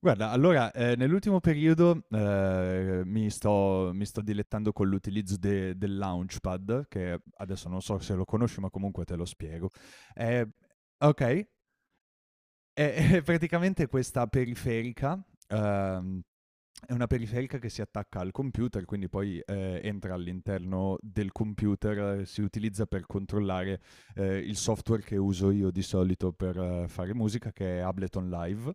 Guarda, allora, nell'ultimo periodo, mi sto dilettando con l'utilizzo de del Launchpad, che adesso non so se lo conosci, ma comunque te lo spiego. Ehm okay. Praticamente questa periferica, ehm, è una periferica che si attacca al computer, quindi poi, entra all'interno del computer, si utilizza per controllare, il software che uso io di solito per fare musica, che è Ableton Live.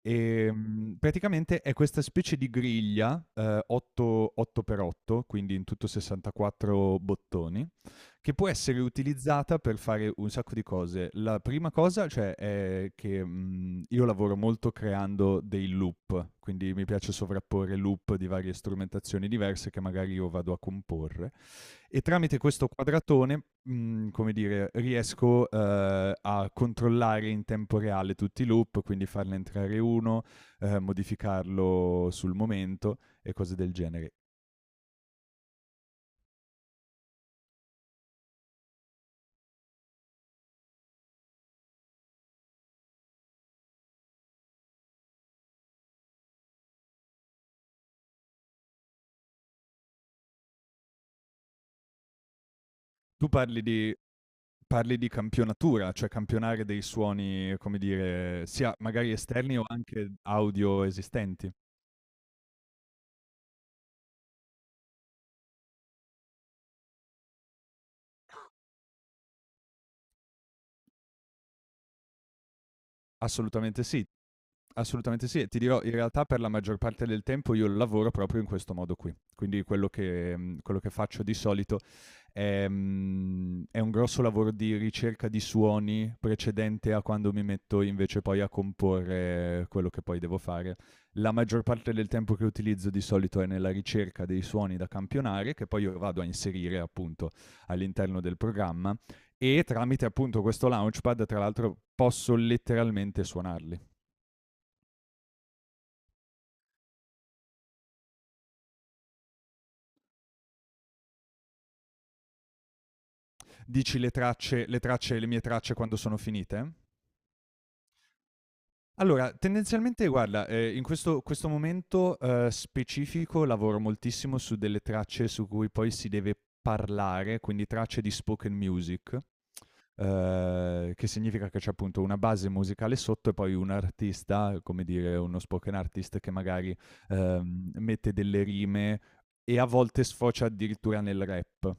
Praticamente è questa specie di griglia, 8 per 8, quindi in tutto 64 bottoni che può essere utilizzata per fare un sacco di cose. La prima cosa, cioè, è che, io lavoro molto creando dei loop, quindi mi piace sovrapporre loop di varie strumentazioni diverse che magari io vado a comporre e tramite questo quadratone, come dire, riesco, a controllare in tempo reale tutti i loop, quindi farne entrare 1, modificarlo sul momento e cose del genere. Tu parli di Parli di campionatura, cioè campionare dei suoni, come dire, sia magari esterni o anche audio esistenti. Assolutamente sì, assolutamente sì. E ti dirò, in realtà per la maggior parte del tempo io lavoro proprio in questo modo qui. Quindi quello che faccio di solito è, è un grosso lavoro di ricerca di suoni precedente a quando mi metto invece poi a comporre quello che poi devo fare. La maggior parte del tempo che utilizzo di solito è nella ricerca dei suoni da campionare, che poi io vado a inserire appunto all'interno del programma e tramite appunto questo launchpad, tra l'altro, posso letteralmente suonarli. Dici le tracce, le mie tracce quando sono finite? Allora, tendenzialmente guarda, in questo momento, specifico lavoro moltissimo su delle tracce su cui poi si deve parlare, quindi tracce di spoken music, che significa che c'è appunto una base musicale sotto e poi un artista, come dire uno spoken artist che magari, mette delle rime e a volte sfocia addirittura nel rap.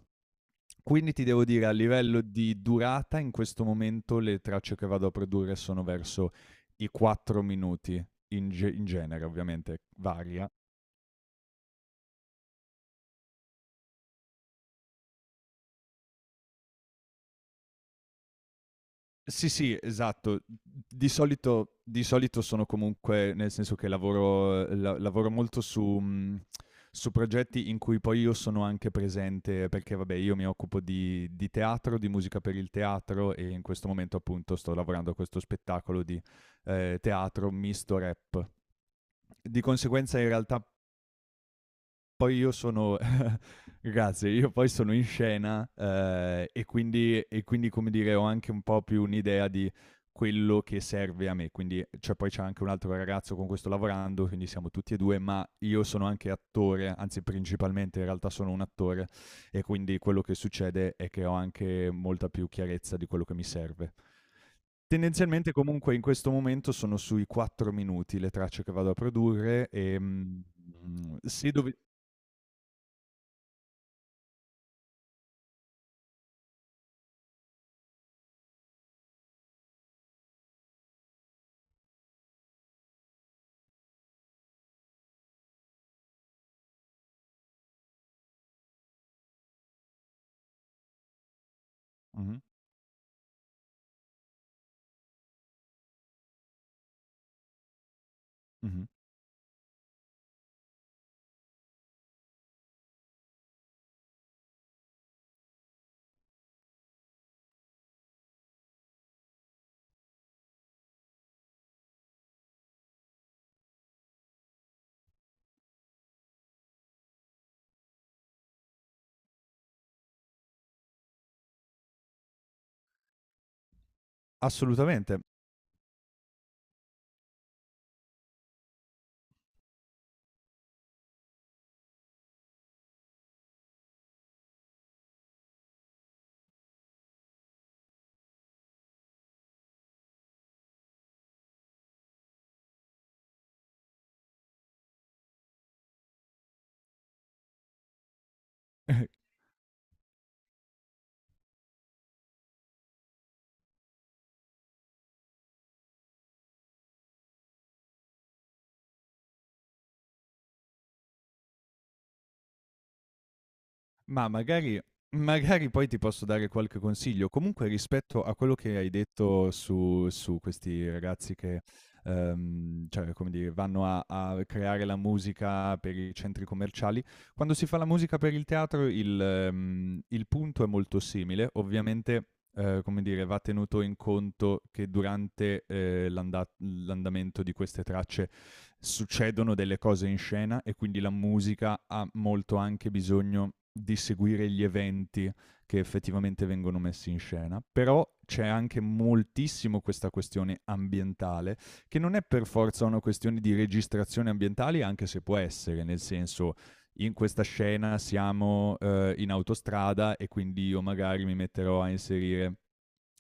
Quindi ti devo dire a livello di durata in questo momento le tracce che vado a produrre sono verso i 4 minuti, in genere ovviamente varia. Sì, sì, esatto. Di solito sono comunque, nel senso che lavoro, lavoro molto su, su progetti in cui poi io sono anche presente, perché vabbè, io mi occupo di teatro, di musica per il teatro e in questo momento appunto sto lavorando a questo spettacolo di teatro misto rap. Di conseguenza in realtà poi io sono Grazie, io poi sono in scena, e quindi, come dire, ho anche un po' più un'idea di quello che serve a me. Poi c'è anche un altro ragazzo con cui sto lavorando, quindi siamo tutti e 2, ma io sono anche attore, anzi principalmente in realtà sono un attore, e quindi quello che succede è che ho anche molta più chiarezza di quello che mi serve. Tendenzialmente comunque in questo momento sono sui 4 minuti le tracce che vado a produrre, se dove mh-mh, mh-mh. Assolutamente. Ma magari poi ti posso dare qualche consiglio. Comunque rispetto a quello che hai detto su questi ragazzi che, come dire, vanno a creare la musica per i centri commerciali. Quando si fa la musica per il teatro il punto è molto simile, ovviamente come dire, va tenuto in conto che durante l'andamento di queste tracce succedono delle cose in scena e quindi la musica ha molto anche bisogno di seguire gli eventi che effettivamente vengono messi in scena, però c'è anche moltissimo questa questione ambientale, che non è per forza una questione di registrazioni ambientali, anche se può essere, nel senso in questa scena siamo in autostrada e quindi io magari mi metterò a inserire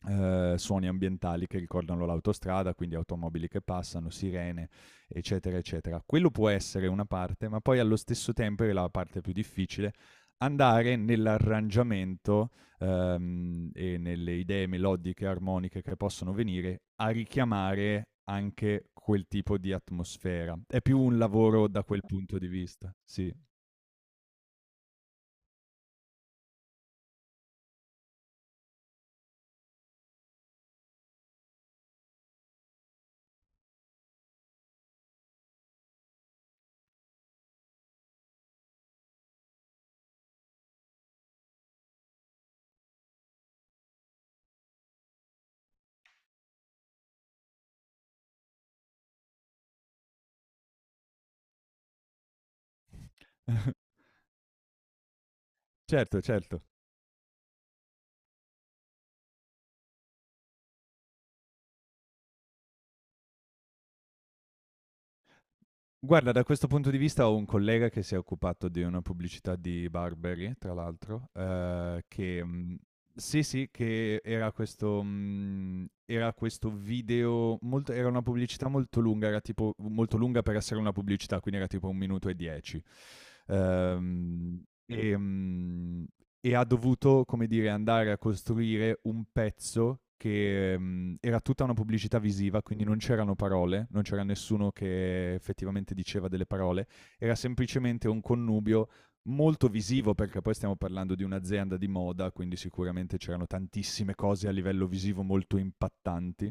suoni ambientali che ricordano l'autostrada, quindi automobili che passano, sirene, eccetera, eccetera. Quello può essere una parte, ma poi allo stesso tempo è la parte più difficile andare nell'arrangiamento e nelle idee melodiche, armoniche che possono venire a richiamare anche quel tipo di atmosfera. È più un lavoro da quel punto di vista, sì. Certo, certo. Guarda, da questo punto di vista ho un collega che si è occupato di una pubblicità di Burberry, tra l'altro, sì, sì, che era questo video molto era una pubblicità molto lunga, era tipo molto lunga per essere una pubblicità, quindi era tipo 1 minuto e 10. Ehm, e, mhmm e ha dovuto, come dire, andare a costruire un pezzo che era tutta una pubblicità visiva, quindi non c'erano parole, non c'era nessuno che effettivamente diceva delle parole, era semplicemente un connubio molto visivo perché poi stiamo parlando di un'azienda di moda, quindi sicuramente c'erano tantissime cose a livello visivo molto impattanti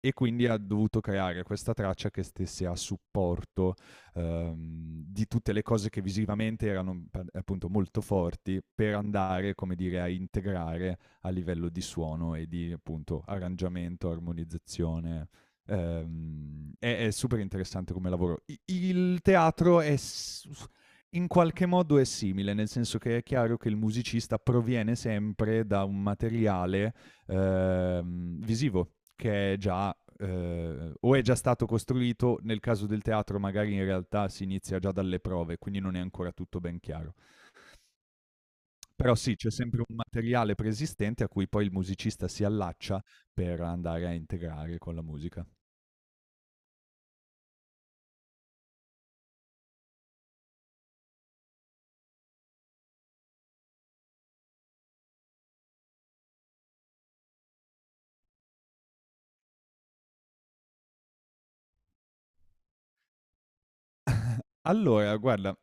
e quindi ha dovuto creare questa traccia che stesse a supporto di tutte le cose che visivamente erano appunto molto forti per andare, come dire, a integrare a livello di suono e di appunto arrangiamento, armonizzazione. È super interessante come lavoro. Il teatro è in qualche modo è simile, nel senso che è chiaro che il musicista proviene sempre da un materiale visivo, che è già o è già stato costruito, nel caso del teatro magari in realtà si inizia già dalle prove, quindi non è ancora tutto ben chiaro. Però sì, c'è sempre un materiale preesistente a cui poi il musicista si allaccia per andare a integrare con la musica. Allora, guarda,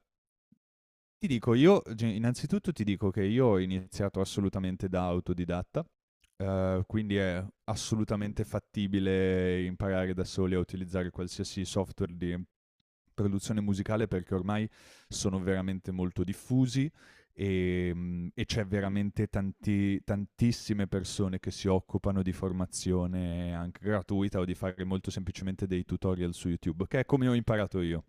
ti dico, io ge innanzitutto ti dico che io ho iniziato assolutamente da autodidatta, quindi è assolutamente fattibile imparare da soli a utilizzare qualsiasi software di produzione musicale, perché ormai sono veramente molto diffusi, e c'è veramente tantissime persone che si occupano di formazione anche gratuita o di fare molto semplicemente dei tutorial su YouTube, che è come ho imparato io.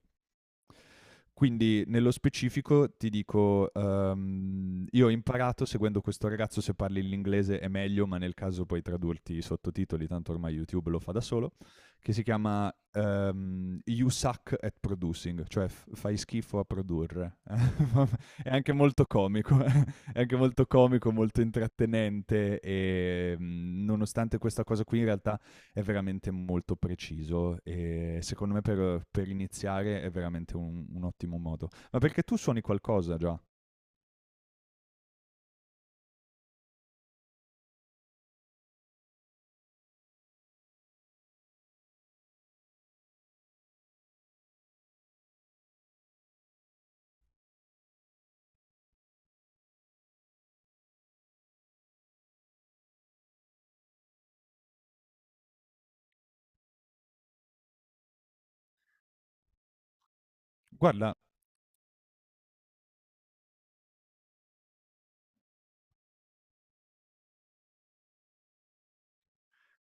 Quindi nello specifico ti dico, io ho imparato seguendo questo ragazzo, se parli l'inglese è meglio, ma nel caso puoi tradurti i sottotitoli, tanto ormai YouTube lo fa da solo, che si chiama You Suck at Producing, cioè fai schifo a produrre. È anche molto comico, è anche molto comico, molto intrattenente e nonostante questa cosa qui in realtà è veramente molto preciso e secondo me per iniziare è veramente un ottimo modo. Ma perché tu suoni qualcosa già? Guarda,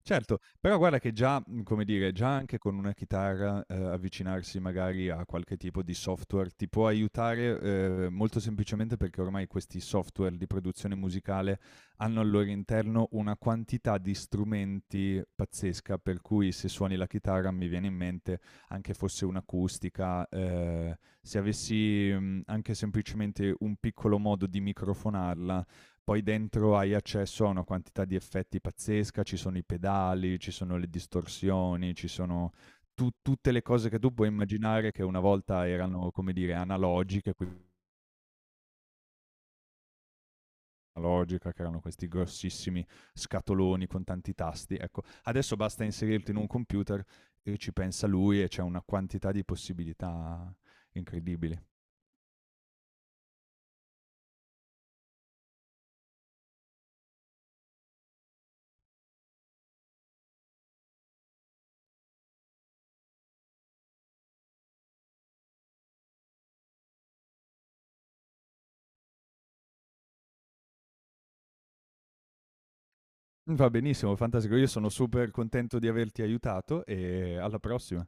certo, però guarda che già, come dire, già anche con una chitarra, avvicinarsi magari a qualche tipo di software ti può aiutare, molto semplicemente perché ormai questi software di produzione musicale hanno al loro interno una quantità di strumenti pazzesca, per cui se suoni la chitarra mi viene in mente anche fosse un'acustica, se avessi, anche semplicemente un piccolo modo di microfonarla, poi dentro hai accesso a una quantità di effetti pazzesca, ci sono i pedali, ci sono le distorsioni, ci sono tutte le cose che tu puoi immaginare che una volta erano, come dire, analogiche, quindi analogica, che erano questi grossissimi scatoloni con tanti tasti. Ecco, adesso basta inserirti in un computer e ci pensa lui e c'è una quantità di possibilità incredibili. Va benissimo, fantastico. Io sono super contento di averti aiutato e alla prossima.